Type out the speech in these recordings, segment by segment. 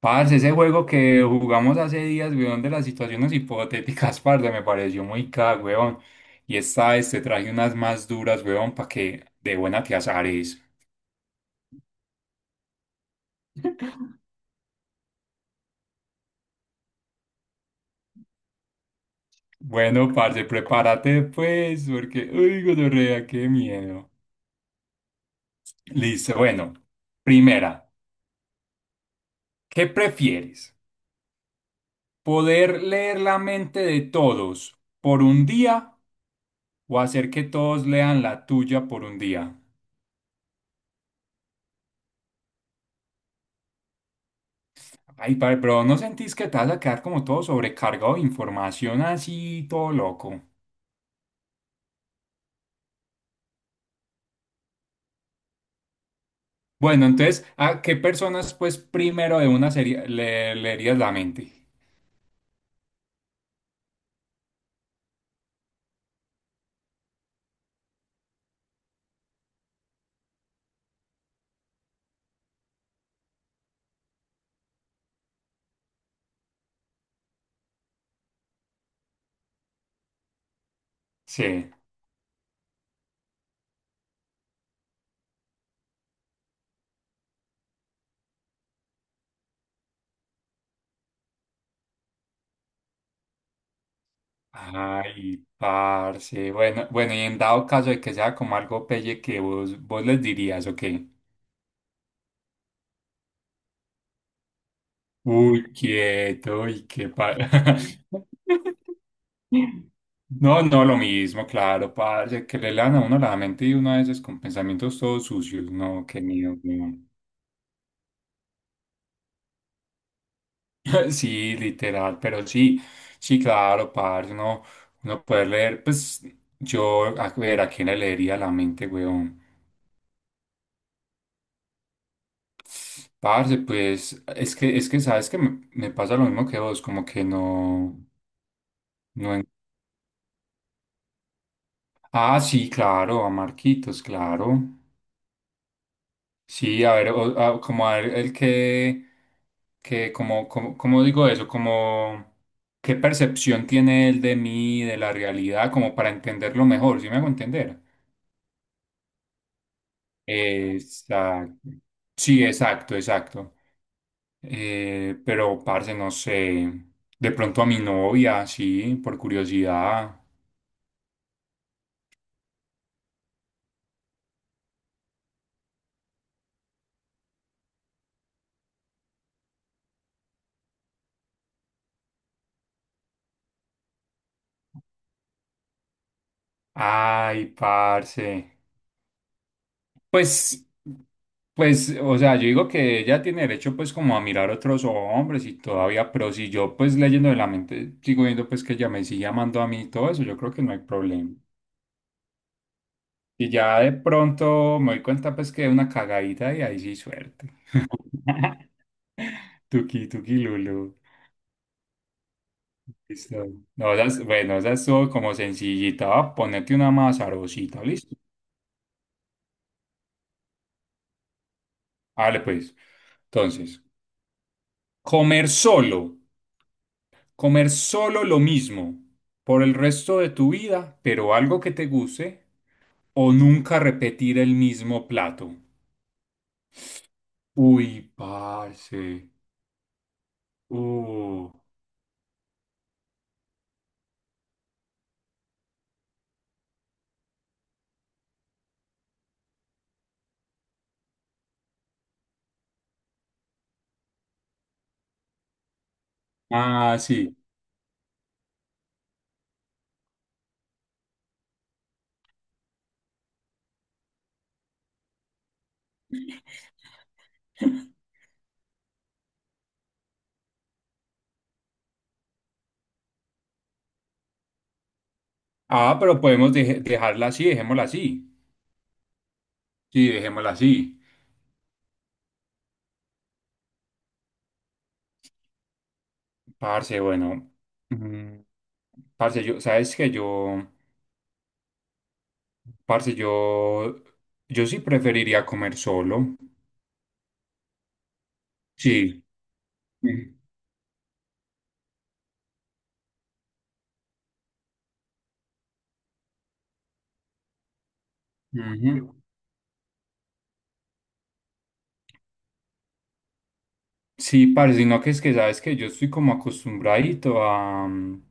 Parce, ese juego que jugamos hace días, weón, de las situaciones hipotéticas, parce, me pareció muy caga, weón. Y esta vez te traje unas más duras, weón, para que de buena te azares. Bueno, parce, prepárate pues, porque, uy, gonorrea, qué miedo. Listo, bueno. Primera, ¿qué prefieres? ¿Poder leer la mente de todos por un día o hacer que todos lean la tuya por un día? Ay, padre, pero ¿no sentís que te vas a quedar como todo sobrecargado de información así, todo loco? Bueno, entonces, ¿a qué personas, pues, primero de una serie le leerías la mente? Sí. Ay, parce. Bueno, bueno, y en dado caso de que sea como algo pelle que vos, vos les dirías, ¿o qué? Uy, quieto, y qué pa... No, no, lo mismo, claro, parce, que le lean a uno la mente y uno a veces con pensamientos todos sucios, no, qué miedo, no. Sí, literal, pero sí, sí, claro, parce, uno, uno poder leer, pues, yo, a ver, ¿a quién le leería la mente, weón? Parce, pues, es que, ¿sabes que me pasa lo mismo que vos, como que no, no... Ah, sí, claro, a Marquitos, claro. Sí, a ver, como a ver el que como, como, ¿cómo digo eso? Como, ¿qué percepción tiene él de mí, de la realidad, como para entenderlo mejor? ¿Sí me hago entender? Exacto. Sí, exacto, exacto. Pero, parce, no sé. De pronto a mi novia, sí, por curiosidad. Ay, parce. Pues, pues, o sea, yo digo que ella tiene derecho pues como a mirar otros hombres y todavía, pero si yo pues leyendo de la mente sigo viendo pues que ella me sigue amando a mí y todo eso, yo creo que no hay problema. Y ya de pronto me doy cuenta pues que es una cagadita y ahí sí suerte. Tuki, tuki, Lulu. Listo. No, esas, bueno, esa estuvo como sencillita. Va a ponerte una más sabrosita, ¿listo? Vale, pues. Entonces, comer solo. Comer solo lo mismo por el resto de tu vida, pero algo que te guste, o nunca repetir el mismo plato. Uy, parce. Uh. Ah, sí. Ah, pero podemos dejarla así, dejémosla así. Sí, dejémosla así. Parce, bueno. mm, Parce, yo, sabes que yo, parce, yo sí preferiría comer solo. Sí. Mm. Ujú. Sí, parce, sino que es que sabes que yo estoy como acostumbradito a,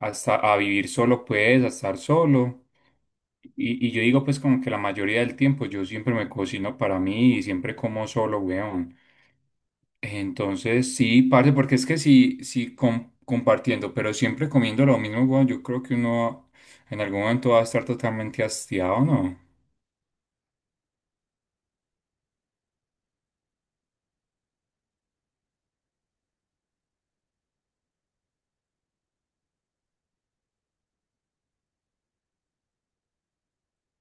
a, a vivir solo, pues, a estar solo. Y yo digo, pues, como que la mayoría del tiempo yo siempre me cocino para mí y siempre como solo, weón. Entonces, sí, parce, porque es que sí, sí, compartiendo, pero siempre comiendo lo mismo, weón, yo creo que uno en algún momento va a estar totalmente hastiado, ¿no?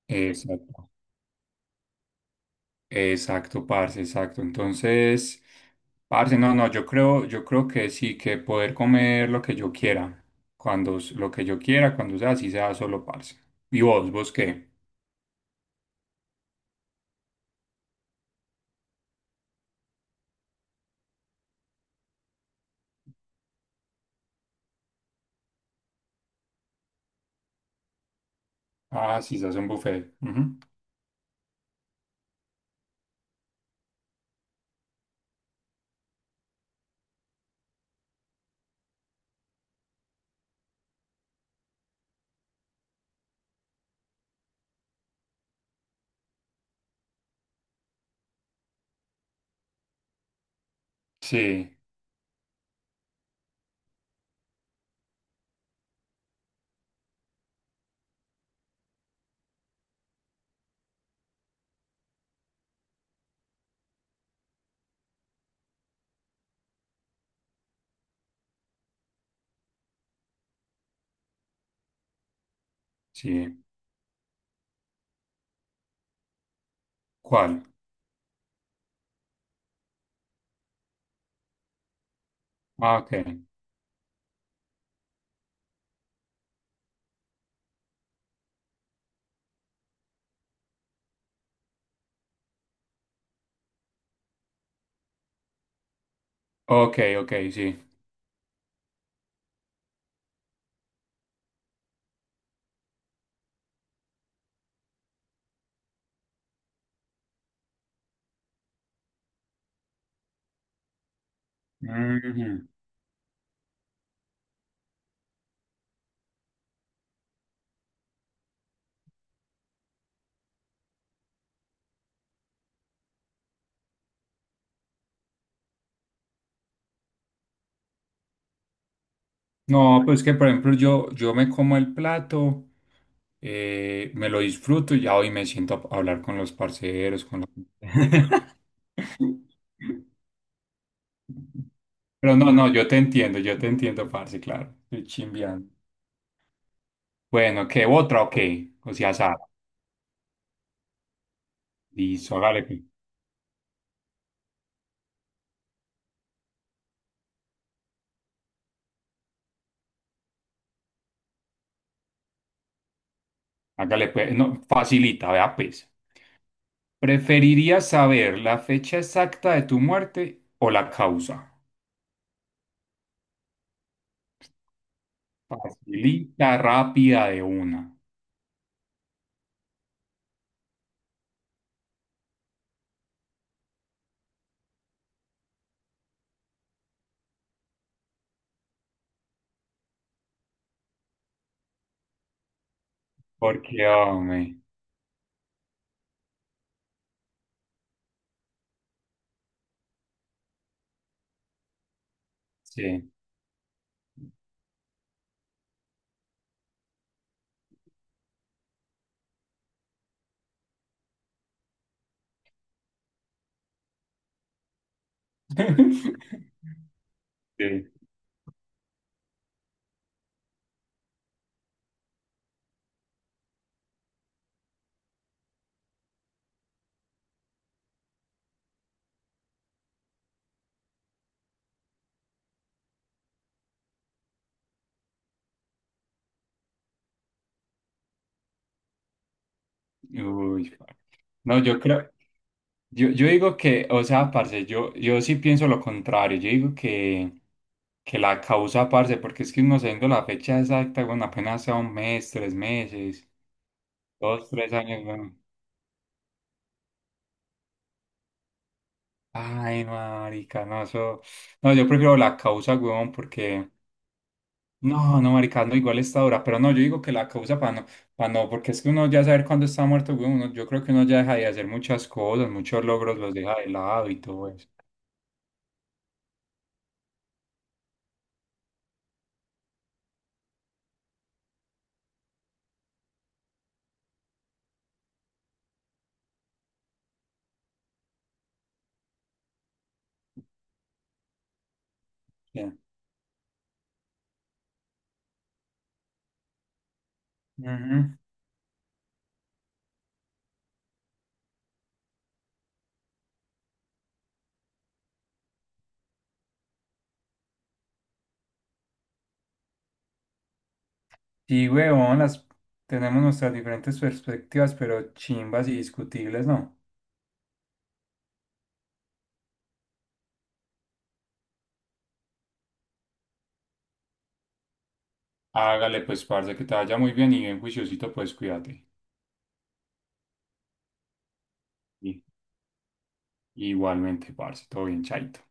Exacto. Exacto, parce, exacto. Entonces, parce, no, no, yo creo que sí, que poder comer lo que yo quiera, cuando lo que yo quiera, cuando sea, así sea solo, parce. ¿Y vos, vos qué? Ah, sí, se hace un buffet. Ujú. Sí, sí. ¿Cuál? Ah, ok. Ok, ok, sí. Ujú. No, pues que por ejemplo yo, yo me como el plato, me lo disfruto y ya hoy me siento a hablar con los parceros, con la... Pero no, no, yo te entiendo, parce, claro. Estoy chimbeando. Bueno, ¿qué otra o qué? O sea, Sara. Listo, hágale pues. Hágale pues. No, facilita, vea pues. ¿Preferirías saber la fecha exacta de tu muerte o la causa? Facilita, rápida de una. Porque, hombre, sí. Sí. Uy, no, yo creo. Yo digo que, o sea, parce, yo sí pienso lo contrario. Yo digo que la causa, parce, porque es que uno sabiendo la fecha exacta, bueno, apenas sea 1 mes, 3 meses, 2, 3 años, bueno. Ay, no, marica, no, eso. No, yo prefiero la causa, weón, porque. No, no, marica, no, igual esta hora. Pero no, yo digo que la causa para no, porque es que uno ya saber cuándo está muerto, weón, uno- yo creo que uno ya deja de hacer muchas cosas, muchos logros los deja de lado y todo eso. Ya. Ujú. Sí, huevón, las tenemos nuestras diferentes perspectivas, pero chimbas y discutibles, ¿no? Hágale, pues, parce, que te vaya muy bien y bien juiciosito, pues, cuídate. Y- igualmente, parce, todo bien, chaito.